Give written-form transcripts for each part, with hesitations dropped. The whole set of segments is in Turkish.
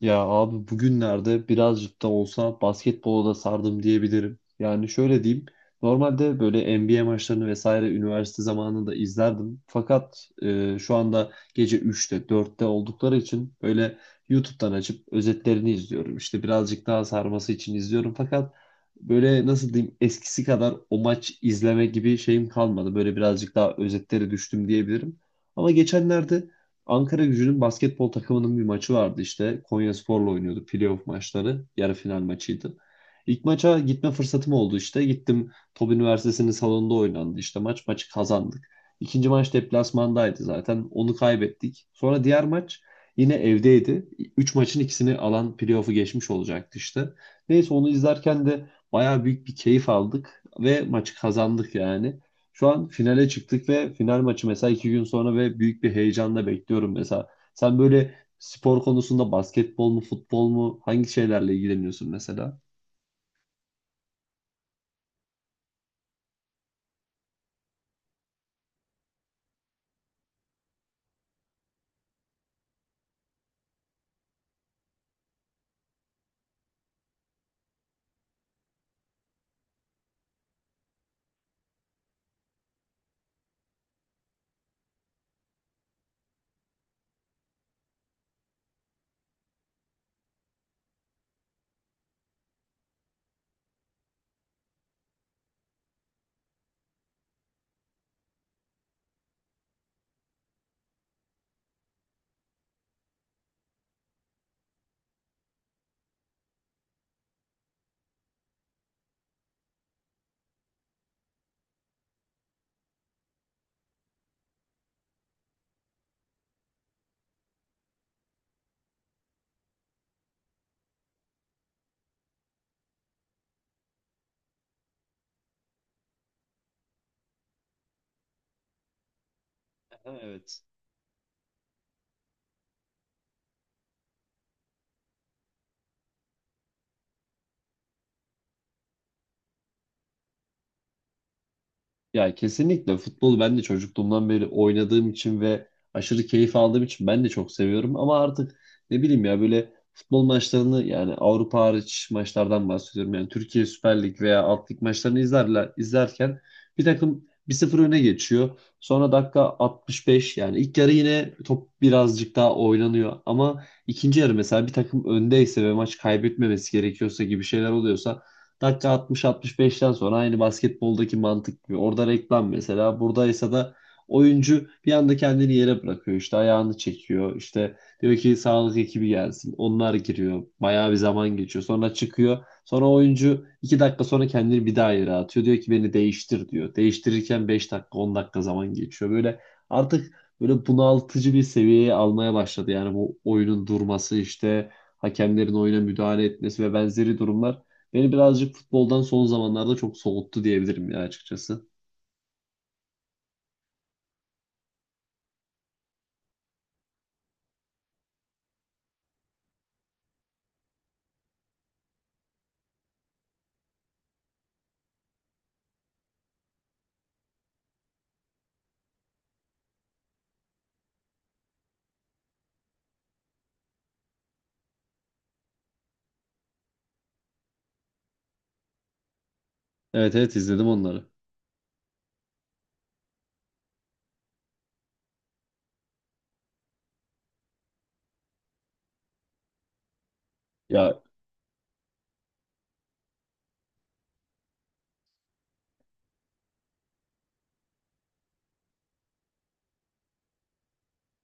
Ya abi, bugünlerde birazcık da olsa basketbola da sardım diyebilirim. Yani şöyle diyeyim. Normalde böyle NBA maçlarını vesaire üniversite zamanında izlerdim. Fakat şu anda gece üçte dörtte oldukları için böyle YouTube'dan açıp özetlerini izliyorum. İşte birazcık daha sarması için izliyorum. Fakat böyle nasıl diyeyim, eskisi kadar o maç izleme gibi şeyim kalmadı. Böyle birazcık daha özetlere düştüm diyebilirim. Ama geçenlerde Ankara Gücü'nün basketbol takımının bir maçı vardı işte. Konyaspor'la oynuyordu, playoff maçları. Yarı final maçıydı. İlk maça gitme fırsatım oldu işte. Gittim, Top Üniversitesi'nin salonunda oynandı işte maç. Maçı kazandık. İkinci maç deplasmandaydı zaten. Onu kaybettik. Sonra diğer maç yine evdeydi. Üç maçın ikisini alan playoff'u geçmiş olacaktı işte. Neyse, onu izlerken de bayağı büyük bir keyif aldık ve maçı kazandık yani. Şu an finale çıktık ve final maçı mesela iki gün sonra ve büyük bir heyecanla bekliyorum mesela. Sen böyle spor konusunda basketbol mu, futbol mu, hangi şeylerle ilgileniyorsun mesela? Aha, evet. Ya kesinlikle futbolu ben de çocukluğumdan beri oynadığım için ve aşırı keyif aldığım için ben de çok seviyorum. Ama artık ne bileyim ya, böyle futbol maçlarını, yani Avrupa hariç maçlardan bahsediyorum. Yani Türkiye Süper Lig veya Alt Lig maçlarını izlerler, izlerken bir takım bir sıfır öne geçiyor. Sonra dakika 65, yani ilk yarı yine top birazcık daha oynanıyor. Ama ikinci yarı mesela bir takım öndeyse ve maç kaybetmemesi gerekiyorsa gibi şeyler oluyorsa dakika 60-65'ten sonra aynı basketboldaki mantık gibi. Orada reklam mesela. Buradaysa da oyuncu bir anda kendini yere bırakıyor. İşte ayağını çekiyor. İşte diyor ki sağlık ekibi gelsin. Onlar giriyor. Bayağı bir zaman geçiyor. Sonra çıkıyor. Sonra oyuncu 2 dakika sonra kendini bir daha yere atıyor. Diyor ki beni değiştir diyor. Değiştirirken 5 dakika 10 dakika zaman geçiyor. Böyle artık böyle bunaltıcı bir seviyeye almaya başladı. Yani bu oyunun durması, işte hakemlerin oyuna müdahale etmesi ve benzeri durumlar beni birazcık futboldan son zamanlarda çok soğuttu diyebilirim ya, açıkçası. Evet evet, izledim onları. Ya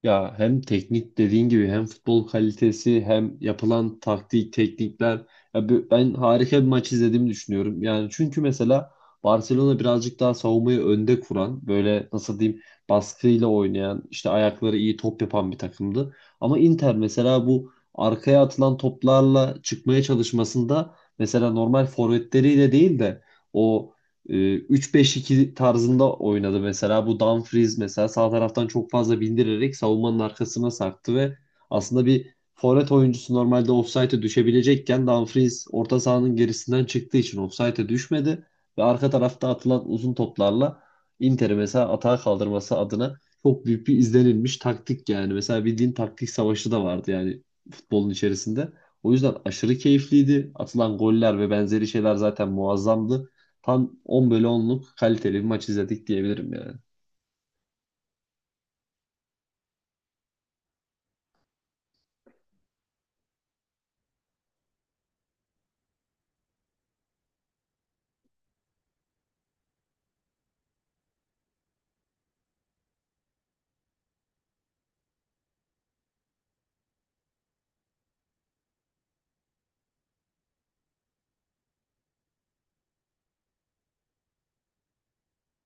ya hem teknik dediğin gibi hem futbol kalitesi hem yapılan taktik teknikler, ya ben harika bir maç izlediğimi düşünüyorum. Yani çünkü mesela Barcelona birazcık daha savunmayı önde kuran, böyle nasıl diyeyim, baskıyla oynayan, işte ayakları iyi top yapan bir takımdı. Ama Inter mesela bu arkaya atılan toplarla çıkmaya çalışmasında mesela normal forvetleriyle değil de o e, 3-5-2 tarzında oynadı mesela. Bu Dumfries mesela sağ taraftan çok fazla bindirerek savunmanın arkasına sarktı ve aslında bir forvet oyuncusu normalde ofsayta düşebilecekken Dumfries orta sahanın gerisinden çıktığı için ofsayta düşmedi ve arka tarafta atılan uzun toplarla Inter'i mesela atağa kaldırması adına çok büyük bir izlenilmiş taktik yani. Mesela bildiğin taktik savaşı da vardı yani futbolun içerisinde. O yüzden aşırı keyifliydi. Atılan goller ve benzeri şeyler zaten muazzamdı. Tam 10 bölü onluk kaliteli bir maç izledik diyebilirim ya.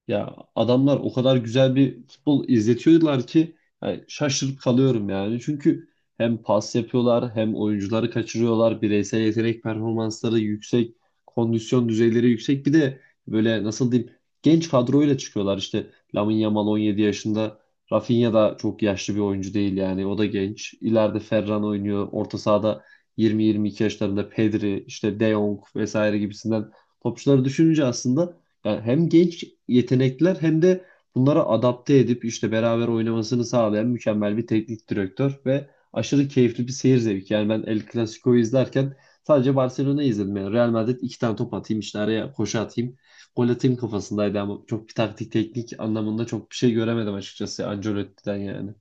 Ya adamlar o kadar güzel bir futbol izletiyorlar ki yani şaşırıp kalıyorum yani. Çünkü hem pas yapıyorlar hem oyuncuları kaçırıyorlar. Bireysel yetenek performansları yüksek, kondisyon düzeyleri yüksek. Bir de böyle nasıl diyeyim, genç kadroyla çıkıyorlar. İşte Lamine Yamal 17 yaşında. Rafinha da çok yaşlı bir oyuncu değil yani. O da genç. İleride Ferran oynuyor. Orta sahada 20-22 yaşlarında Pedri, işte De Jong vesaire gibisinden topçuları düşününce aslında yani hem genç yetenekler hem de bunlara adapte edip işte beraber oynamasını sağlayan mükemmel bir teknik direktör ve aşırı keyifli bir seyir zevki. Yani ben El Clasico'yu izlerken sadece Barcelona'yı izledim. Yani Real Madrid iki tane top atayım, işte araya koşu atayım, gol atayım kafasındaydı ama çok bir taktik teknik anlamında çok bir şey göremedim açıkçası Ancelotti'den yani.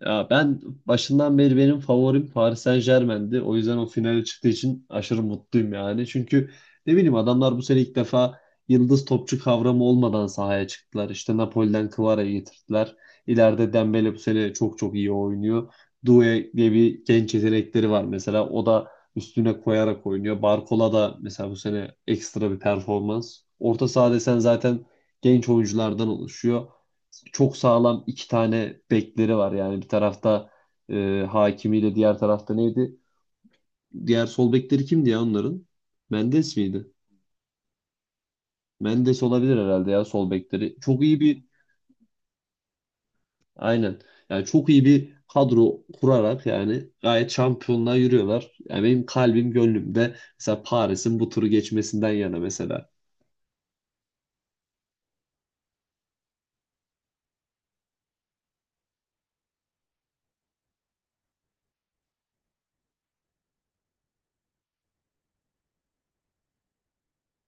Ya ben başından beri benim favorim Paris Saint-Germain'di. O yüzden o finale çıktığı için aşırı mutluyum yani. Çünkü ne bileyim, adamlar bu sene ilk defa yıldız topçu kavramı olmadan sahaya çıktılar. İşte Napoli'den Kvara'yı getirdiler. İleride Dembele bu sene çok çok iyi oynuyor. Doué diye bir genç yetenekleri var mesela. O da üstüne koyarak oynuyor. Barcola da mesela bu sene ekstra bir performans. Orta saha desen zaten genç oyunculardan oluşuyor, çok sağlam iki tane bekleri var. Yani bir tarafta Hakimi'yle diğer tarafta neydi? Diğer sol bekleri kimdi ya onların? Mendes miydi? Mendes olabilir herhalde ya, sol bekleri. Çok iyi bir aynen. Yani çok iyi bir kadro kurarak yani gayet şampiyonluğa yürüyorlar. Yani benim kalbim gönlümde mesela Paris'in bu turu geçmesinden yana mesela.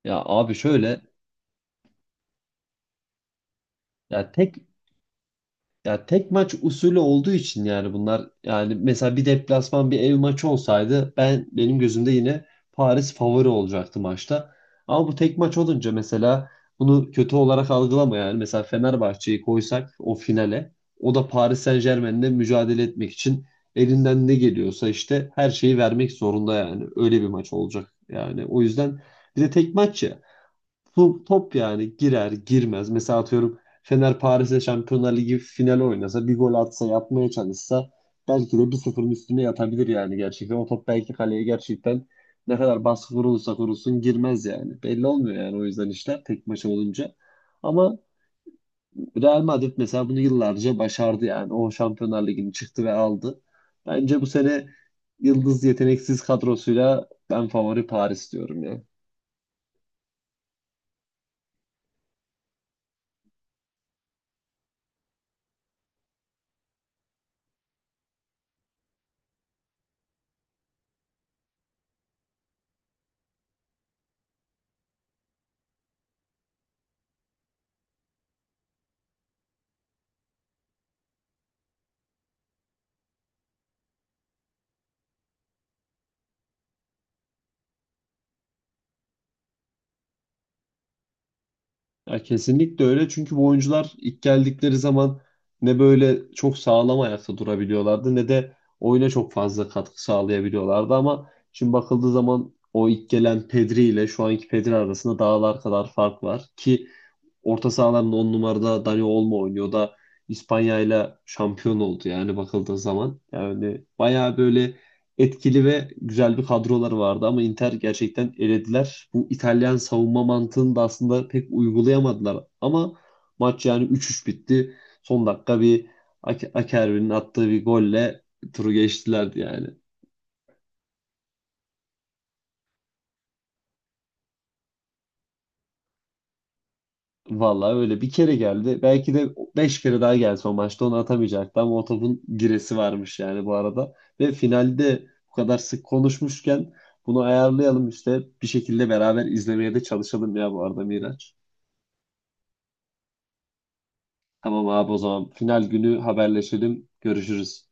Ya abi şöyle, ya tek Ya tek maç usulü olduğu için yani bunlar, yani mesela bir deplasman bir ev maçı olsaydı ben, benim gözümde yine Paris favori olacaktı maçta. Ama bu tek maç olunca mesela, bunu kötü olarak algılama, yani mesela Fenerbahçe'yi koysak o finale, o da Paris Saint-Germain'le mücadele etmek için elinden ne geliyorsa işte her şeyi vermek zorunda yani, öyle bir maç olacak yani. O yüzden bir de tek maç ya. Bu top yani girer girmez. Mesela atıyorum Fener Paris'e Şampiyonlar Ligi finali oynasa bir gol atsa yapmaya çalışsa belki de bir 0ın üstüne yatabilir yani, gerçekten. O top belki kaleye, gerçekten ne kadar baskı kurulursa kurulsun girmez yani. Belli olmuyor yani, o yüzden işler tek maça olunca. Ama Real Madrid mesela bunu yıllarca başardı yani. O Şampiyonlar Ligi'ni çıktı ve aldı. Bence bu sene yıldız yeteneksiz kadrosuyla ben favori Paris diyorum ya. Ya kesinlikle öyle çünkü bu oyuncular ilk geldikleri zaman ne böyle çok sağlam ayakta durabiliyorlardı ne de oyuna çok fazla katkı sağlayabiliyorlardı ama şimdi bakıldığı zaman o ilk gelen Pedri ile şu anki Pedri arasında dağlar kadar fark var ki orta sahaların 10 numarada Dani Olmo oynuyor da İspanya ile şampiyon oldu yani bakıldığı zaman. Yani bayağı böyle etkili ve güzel bir kadroları vardı ama Inter gerçekten elediler. Bu İtalyan savunma mantığını da aslında pek uygulayamadılar ama maç yani 3-3 bitti. Son dakika bir Akerbi'nin attığı bir golle turu geçtilerdi yani. Vallahi öyle, bir kere geldi. Belki de beş kere daha gelse o maçta onu atamayacaktı ama o topun giresi varmış yani, bu arada. Ve finalde, bu kadar sık konuşmuşken bunu ayarlayalım işte bir şekilde, beraber izlemeye de çalışalım ya bu arada Miraç. Tamam abi, o zaman final günü haberleşelim. Görüşürüz.